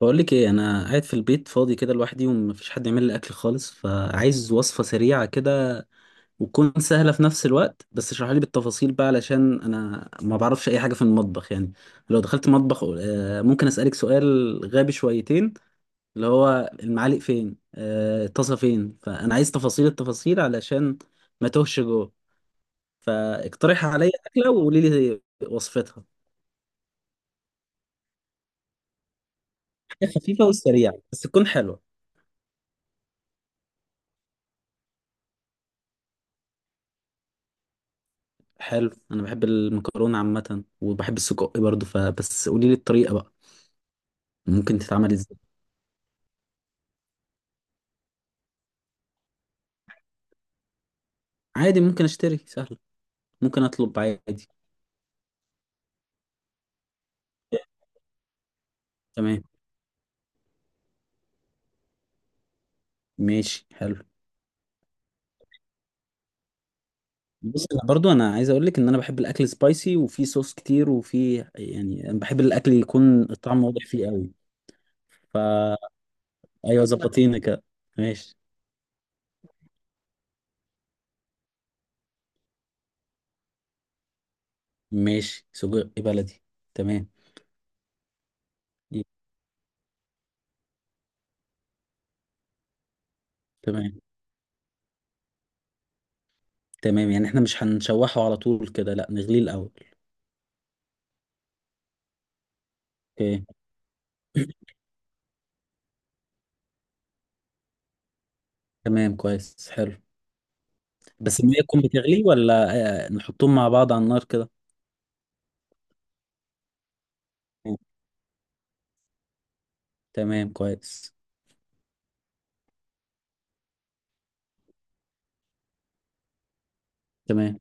بقول لك ايه، انا قاعد في البيت فاضي كده لوحدي ومفيش حد يعمل لي اكل خالص، فعايز وصفه سريعه كده وتكون سهله في نفس الوقت. بس اشرح لي بالتفاصيل بقى، علشان انا ما بعرفش اي حاجه في المطبخ يعني. لو دخلت مطبخ ممكن اسالك سؤال غبي شويتين؟ اللي هو المعالق فين، الطاسه فين؟ فانا عايز تفاصيل التفاصيل علشان ما توهش جوه. فاقترح عليا اكله وقولي لي وصفتها. حاجه خفيفه وسريعه بس تكون حلوه. حلو، انا بحب المكرونه عامه وبحب السجق برضه، فبس قولي لي الطريقه بقى، ممكن تتعمل ازاي؟ عادي، ممكن اشتري، سهل. ممكن اطلب عادي. تمام، ماشي، حلو. بص، انا برضو انا عايز اقول لك ان انا بحب الاكل سبايسي وفي صوص كتير، وفي يعني أنا بحب الاكل يكون الطعم واضح فيه قوي. فا ايوه، ظبطينا كده. ماشي. ماشي، سجق بلدي. تمام. تمام. تمام، يعني احنا مش هنشوحه على طول كده، لا نغليه الاول؟ اوكي. تمام، كويس، حلو. بس المية تكون بتغلي ولا نحطهم مع بعض على النار كده؟ تمام. تمام، كويس. تمام.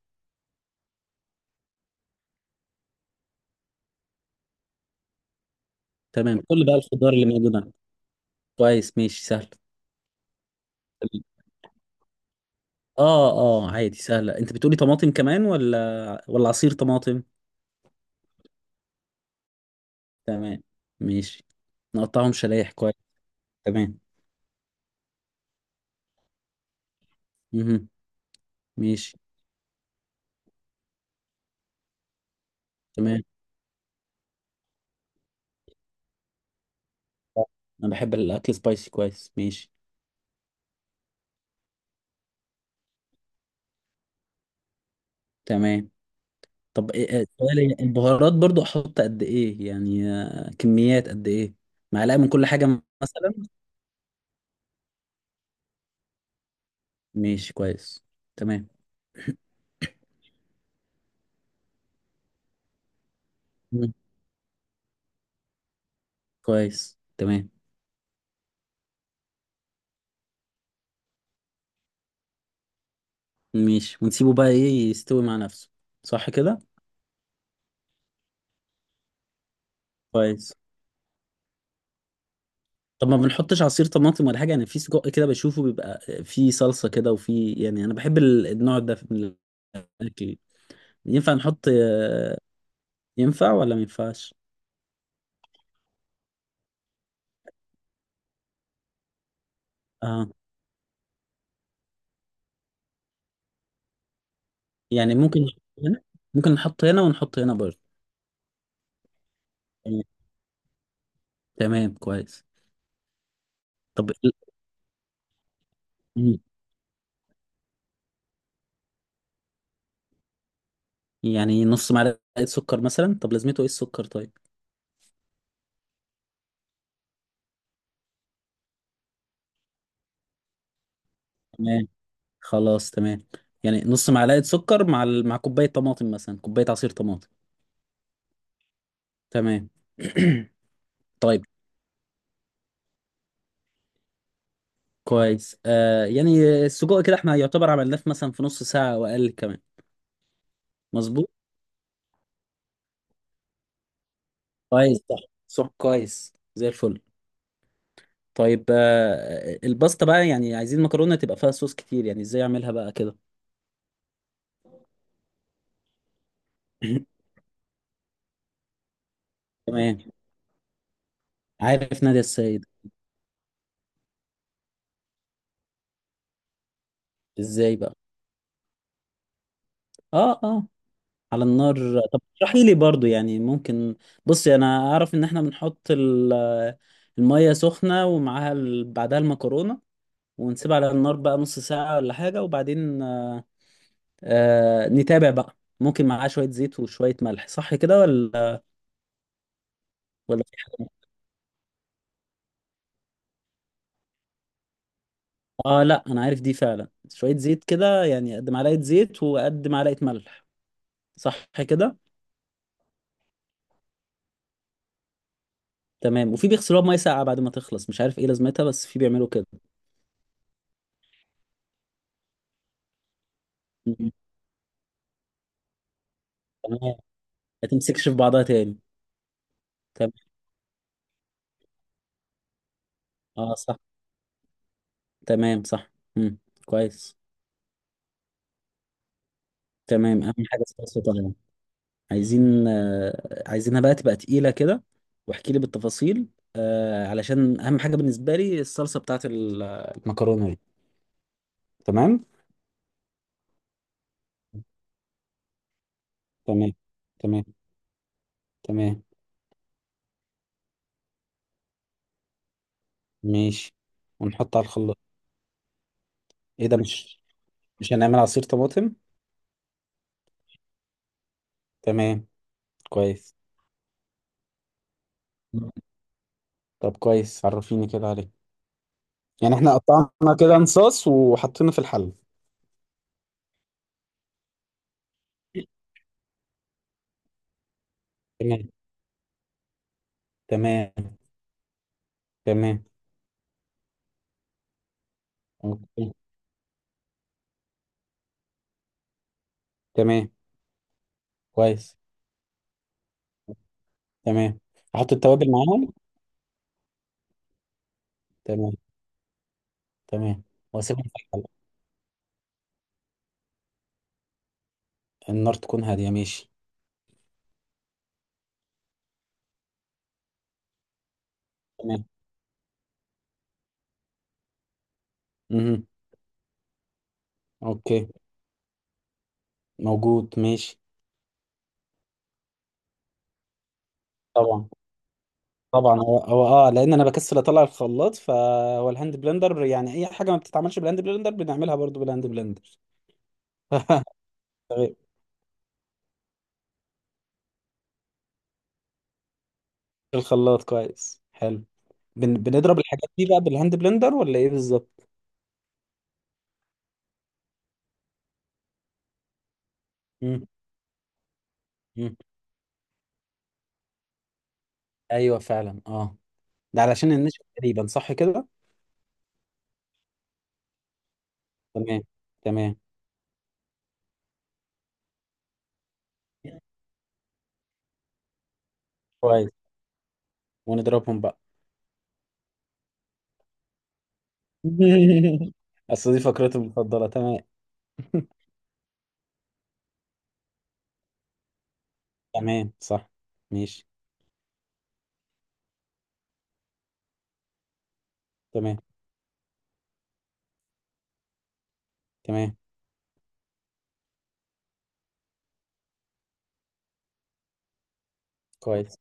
تمام، كل بقى الخضار اللي موجودة. كويس، ماشي، سهل. تمام. اه. اه، عادي، سهلة. انت بتقولي طماطم كمان ولا عصير طماطم؟ تمام، ماشي، نقطعهم شرايح، كويس. تمام، مهم. ماشي. تمام، انا بحب الاكل سبايسي، كويس، ماشي. تمام. طب، سؤال. البهارات برضو احط قد ايه يعني؟ كميات قد ايه؟ معلقة من كل حاجة مثلا؟ ماشي، كويس. تمام. مم. كويس، تمام. ماشي، ونسيبه بقى ايه، يستوي مع نفسه؟ صح كده. كويس. طب ما بنحطش عصير طماطم ولا حاجه؟ انا في سجق كده بشوفه بيبقى فيه صلصه كده، وفي يعني انا بحب النوع ده من الاكل. ينفع نحط ينفع ولا ما ينفعش؟ اه. يعني ممكن نحط هنا، ممكن نحط هنا ونحط هنا برضه. تمام. تمام، كويس. طب مم. يعني نص معلقه سكر مثلا؟ طب لازمته ايه السكر، طيب؟ تمام، خلاص، تمام. يعني نص معلقة سكر مع كوباية طماطم مثلا، كوباية عصير طماطم. تمام. طيب. كويس، يعني السجق كده احنا يعتبر عملناه في، مثلا، في نص ساعة او اقل كمان. مظبوط. كويس، صح. صح، كويس، زي الفل. طيب، الباستا بقى يعني، عايزين مكرونة تبقى فيها صوص كتير. يعني ازاي اعملها بقى كده؟ تمام. عارف نادية السيد. ازاي بقى؟ اه، آه. على النار. طب اشرحي لي برضو يعني، ممكن؟ بصي، انا اعرف ان احنا بنحط المية سخنة ومعاها بعدها المكرونة. ونسيبها على النار بقى نص ساعة ولا حاجة، وبعدين نتابع بقى. ممكن معاها شوية زيت وشوية ملح، صح كده ولا؟ ولا في حاجة؟ اه، لا، انا عارف دي فعلا. شوية زيت كده، يعني قد معلقة زيت وقد معلقة ملح. صح كده. تمام، وفي بيغسلوها بمية ساقعة بعد ما تخلص. مش عارف ايه لازمتها، بس في بيعملوا كده. مم. تمام، ما تمسكش في بعضها تاني. اه صح. تمام، صح. مم. كويس. تمام، اهم حاجه الصلصه طبعا. عايزينها بقى تبقى تقيله كده. واحكي لي بالتفاصيل. علشان اهم حاجه بالنسبه لي الصلصه بتاعت المكرونه دي. تمام. تمام. تمام. تمام. ماشي، ونحط على الخلاط؟ ايه ده، مش هنعمل عصير طماطم؟ تمام، كويس. طب كويس، عرفيني كده عليه. يعني احنا قطعنا كده انصاص وحطينا في الحل. تمام. تمام. تمام. تمام. كويس. تمام، احط التوابل معاهم؟ تمام. تمام، واسيبهم في الحلقة. النار تكون هادية، ماشي. تمام. امم اوكي، موجود، ماشي. طبعا. طبعا، هو هو اه، لان انا بكسل اطلع الخلاط، فهو الهاند بلندر يعني اي حاجه ما بتتعملش بالهاند بلندر بنعملها برضو بالهاند بلندر. تمام. الخلاط، كويس، حلو. بنضرب الحاجات دي بقى بالهاند بلندر، ولا ايه بالظبط؟ مم. مم. ايوه، فعلا، اه. ده علشان النشا تقريبا، صح كده؟ تمام. تمام، كويس. ونضربهم بقى؟ اصل دي فقرته المفضله، تمام. تمام، صح. ماشي. تمام. تمام، كويس،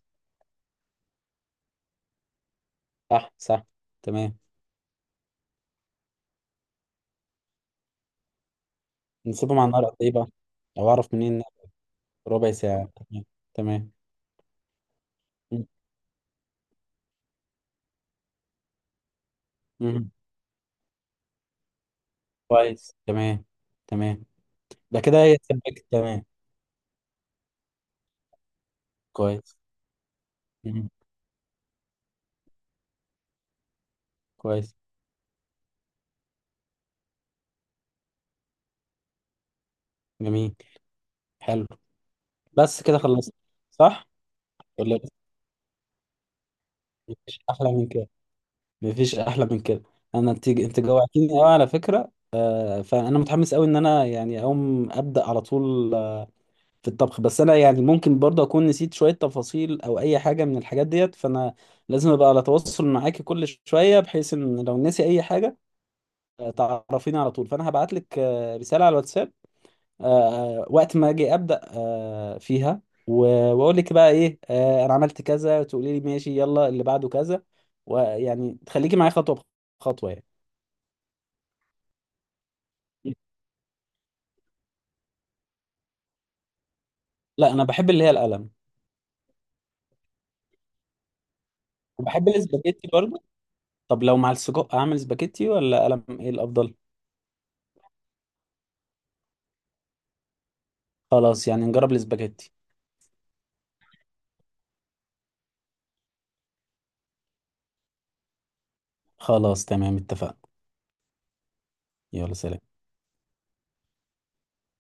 صح. صح، تمام. نسيبهم على النار قد ايه بقى، لو اعرف منين؟ ربع ساعه، تمام. تمام. م- م. كويس. تمام. تمام. ده كده هي سبكت، تمام. كويس. م- كويس، جميل، حلو. بس كده خلصت، صح؟ ولا بس؟ مفيش احلى من كده. مفيش احلى من كده. انا انت انت جوعتني قوي على فكره. فانا متحمس قوي ان انا يعني اقوم ابدا على طول في الطبخ. بس انا يعني ممكن برضه اكون نسيت شويه تفاصيل او اي حاجه من الحاجات ديت، فانا لازم ابقى على تواصل معاكي كل شويه، بحيث ان لو نسي اي حاجه، تعرفيني على طول. فانا هبعت لك رساله على الواتساب. آه، وقت ما اجي ابدا فيها. و- واقول لك بقى ايه، انا عملت كذا، تقولي لي ماشي، يلا اللي بعده كذا. ويعني تخليكي معايا خطوه بخطوه يعني. لا، انا بحب اللي هي القلم، وبحب الاسباجيتي برضه. طب لو مع السجق اعمل سباجيتي ولا قلم، ايه الافضل؟ خلاص، يعني نجرب السباجيتي. خلاص، تمام، اتفقنا. يلا، سلام.